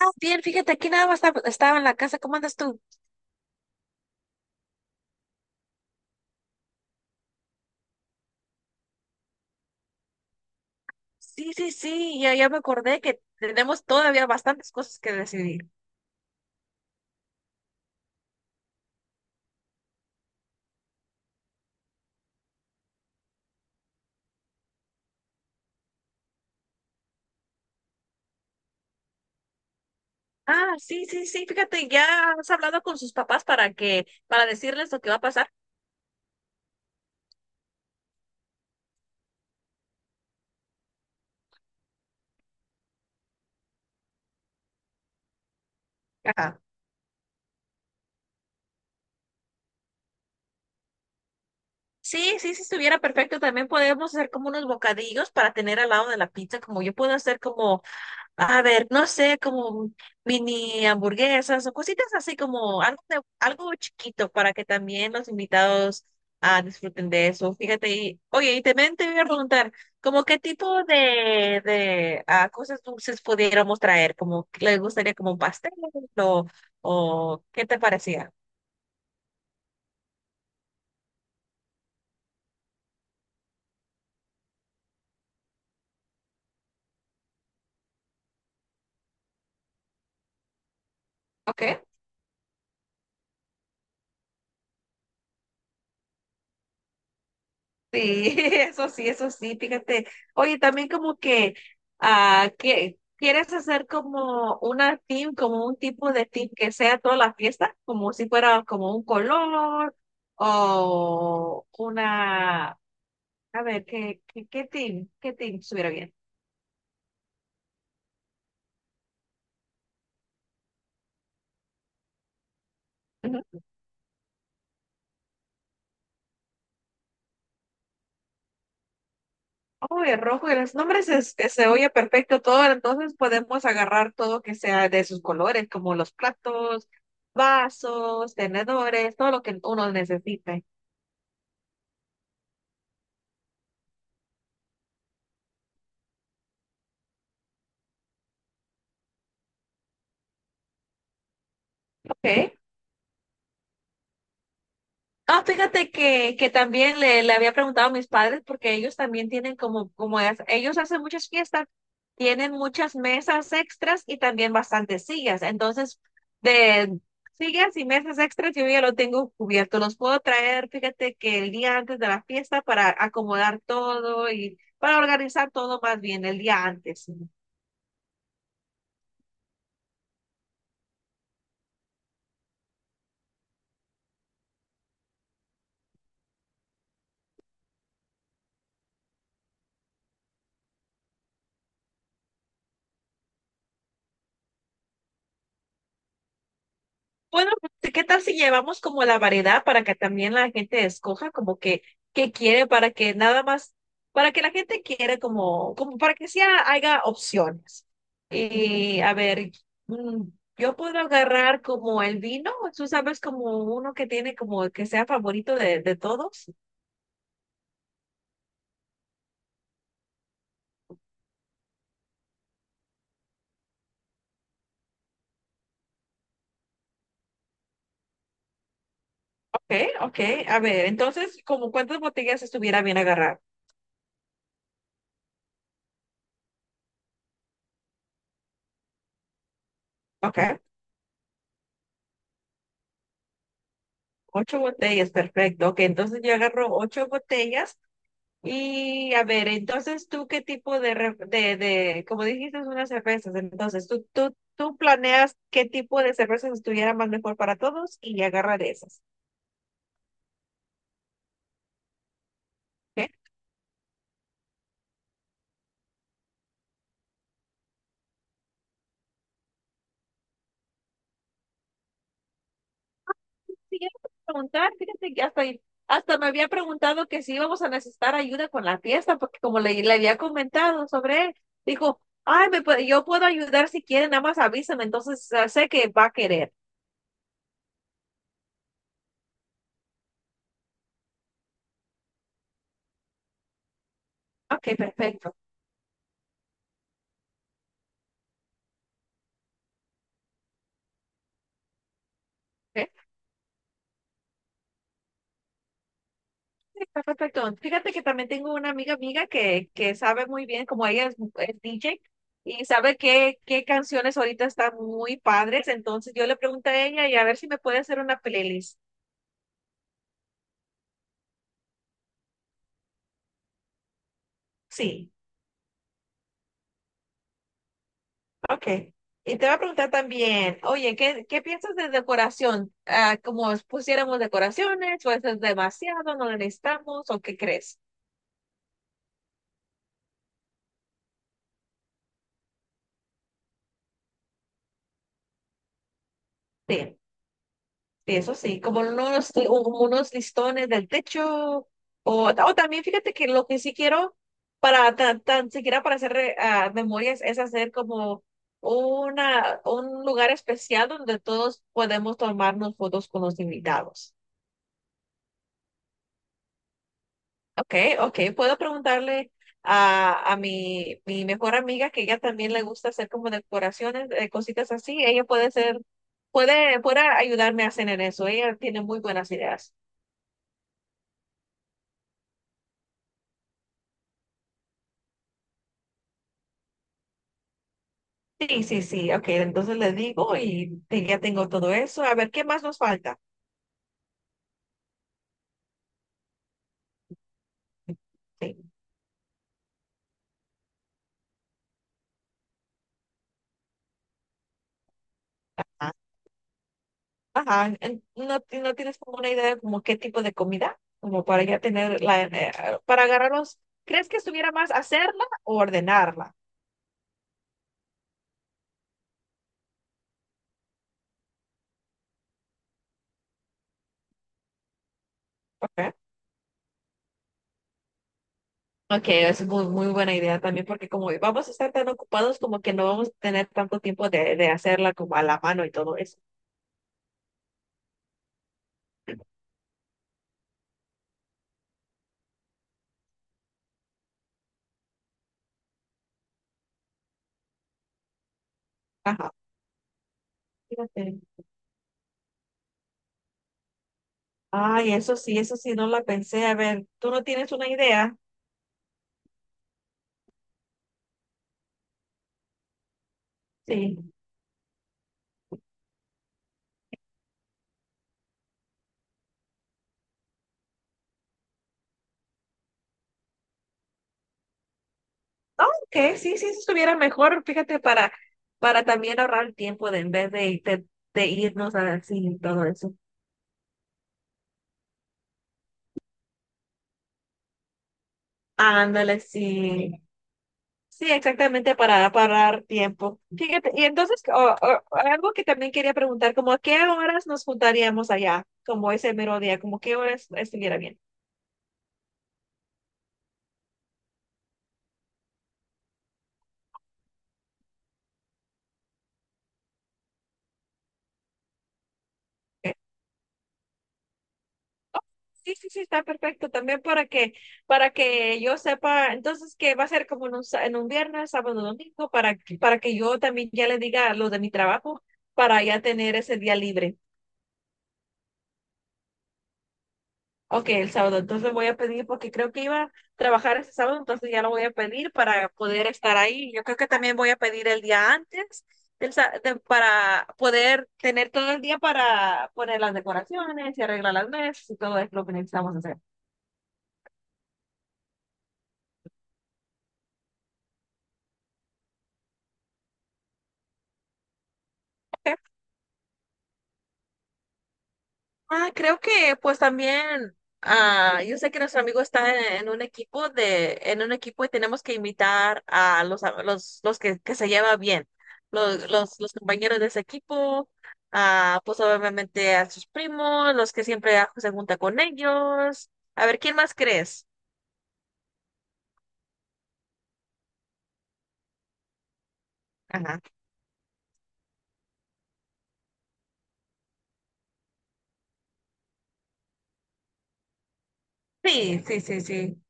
Ah, bien, fíjate, aquí nada más estaba en la casa. ¿Cómo andas tú? Sí, sí, sí, ya, ya me acordé que tenemos todavía bastantes cosas que decidir. Ah, sí, sí, sí, fíjate, ya has hablado con sus papás para para decirles lo que va a pasar. Ajá. Sí, sí, si estuviera perfecto, también podemos hacer como unos bocadillos para tener al lado de la pizza, como yo puedo hacer como. A ver, no sé, como mini hamburguesas o cositas así como algo chiquito para que también los invitados, disfruten de eso. Fíjate, y, oye, y también te voy a preguntar, como qué tipo de cosas dulces pudiéramos traer, como ¿qué le gustaría como un pastel o, o qué te parecía? ¿Ok? Sí, eso sí, fíjate. Oye, también como que, que quieres hacer como una team, como un tipo de team que sea toda la fiesta, como si fuera como un color o una, a ver, ¿ qué team? ¿Qué team estuviera bien? Ujú. Oh, el rojo y los nombres se oye perfecto todo, entonces podemos agarrar todo que sea de sus colores, como los platos, vasos, tenedores, todo lo que uno necesite. Ok. Ah, fíjate que también le había preguntado a mis padres porque ellos también tienen como, ellos hacen muchas fiestas, tienen muchas mesas extras y también bastantes sillas. Entonces, de sillas y mesas extras yo ya lo tengo cubierto. Los puedo traer, fíjate que el día antes de la fiesta para acomodar todo y para organizar todo más bien el día antes. Bueno, pues, ¿qué tal si llevamos como la variedad para que también la gente escoja como que qué quiere para que nada más, para que la gente quiera como, como para que sea haya opciones? Y a ver, mm, yo puedo agarrar como el vino, tú sabes como uno que tiene como que sea favorito de todos. Ok, ok, a ver, entonces como cuántas botellas estuviera bien agarrar. Ok, ocho botellas, perfecto. Ok, entonces yo agarro ocho botellas. Y a ver, entonces tú qué tipo de como dijiste, unas cervezas, entonces tú planeas qué tipo de cervezas estuviera más mejor para todos y agarra de esas. ¿Ok? Sí, yo te iba a preguntar, fíjate que hasta me había preguntado que si íbamos a necesitar ayuda con la fiesta, porque como le había comentado sobre él, dijo, ay, yo puedo ayudar si quieren, nada más avísame, entonces sé que va a querer. Ok, perfecto. Está perfecto. Fíjate que también tengo una amiga amiga que sabe muy bien, como ella es DJ, y sabe qué, qué canciones ahorita están muy padres. Entonces yo le pregunto a ella y a ver si me puede hacer una playlist. Sí, ok. Y te voy a preguntar también, oye, ¿qué, qué piensas de decoración? Ah, ¿como si pusiéramos decoraciones? ¿O eso es demasiado? ¿No lo necesitamos? ¿O qué crees? Sí. Eso sí, como unos listones del techo. O también fíjate que lo que sí quiero, para tan siquiera para hacer memorias, es hacer como una, un lugar especial donde todos podemos tomarnos fotos con los invitados. Ok, ok, puedo preguntarle a mi mejor amiga que ella también le gusta hacer como decoraciones, cositas así. Puede, puede ayudarme a hacer en eso. Ella tiene muy buenas ideas. Sí, sí, sí, ok, entonces le digo ya tengo todo eso. A ver, ¿qué más nos falta? Sí. ah, Ajá, ¿no, no tienes como una idea de como qué tipo de comida? Como para ya tener la, para agarrarlos. ¿Crees que estuviera más hacerla o ordenarla? Okay. Ok, es muy, muy buena idea también porque como vamos a estar tan ocupados como que no vamos a tener tanto tiempo de hacerla como a la mano y todo eso. Ajá, fíjate. Ay, eso sí, no la pensé. A ver, ¿tú no tienes una idea? Sí. Ok, sí, sí, eso estuviera mejor, fíjate, para también ahorrar el tiempo de en vez de, de irnos así y todo eso. Ándale, sí. Sí, exactamente para parar tiempo. Fíjate, y entonces algo que también quería preguntar, como a qué horas nos juntaríamos allá, como ese mero día, como qué horas estuviera bien. Ok. Sí, sí, sí, está perfecto. También para que yo sepa, entonces que va a ser como en un, en un viernes, sábado, domingo, para, para que yo también ya le diga lo de mi trabajo, para ya tener ese día libre. Ok, el sábado. Entonces voy a pedir, porque creo que iba a trabajar ese sábado, entonces ya lo voy a pedir para poder estar ahí. Yo creo que también voy a pedir el día antes para poder tener todo el día para poner las decoraciones y arreglar las mesas y todo eso lo que necesitamos hacer. Ok. Ah, creo que pues también, yo sé que nuestro amigo está en un equipo en un equipo y tenemos que invitar a los que se lleva bien, los compañeros de ese equipo, pues obviamente a sus primos, los que siempre se junta con ellos. A ver, ¿quién más crees? Ajá. Sí, sí, sí, sí.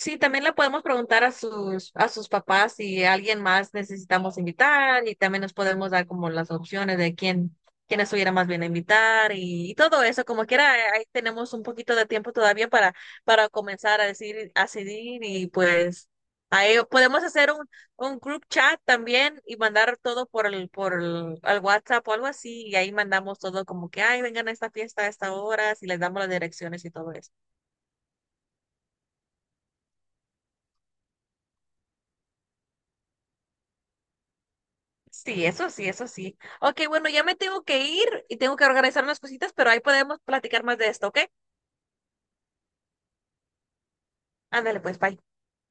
Sí, también le podemos preguntar a a sus papás si alguien más necesitamos invitar y también nos podemos dar como las opciones de quién, quién estuviera más bien a invitar y todo eso, como quiera, ahí tenemos un poquito de tiempo todavía para comenzar a a decidir y pues ahí podemos hacer un group chat también y mandar todo por al WhatsApp o algo así y ahí mandamos todo como que, ay, vengan a esta fiesta a esta hora, y les damos las direcciones y todo eso. Sí, eso sí, eso sí. Ok, bueno, ya me tengo que ir y tengo que organizar unas cositas, pero ahí podemos platicar más de esto, ¿ok? Ándale, pues, bye.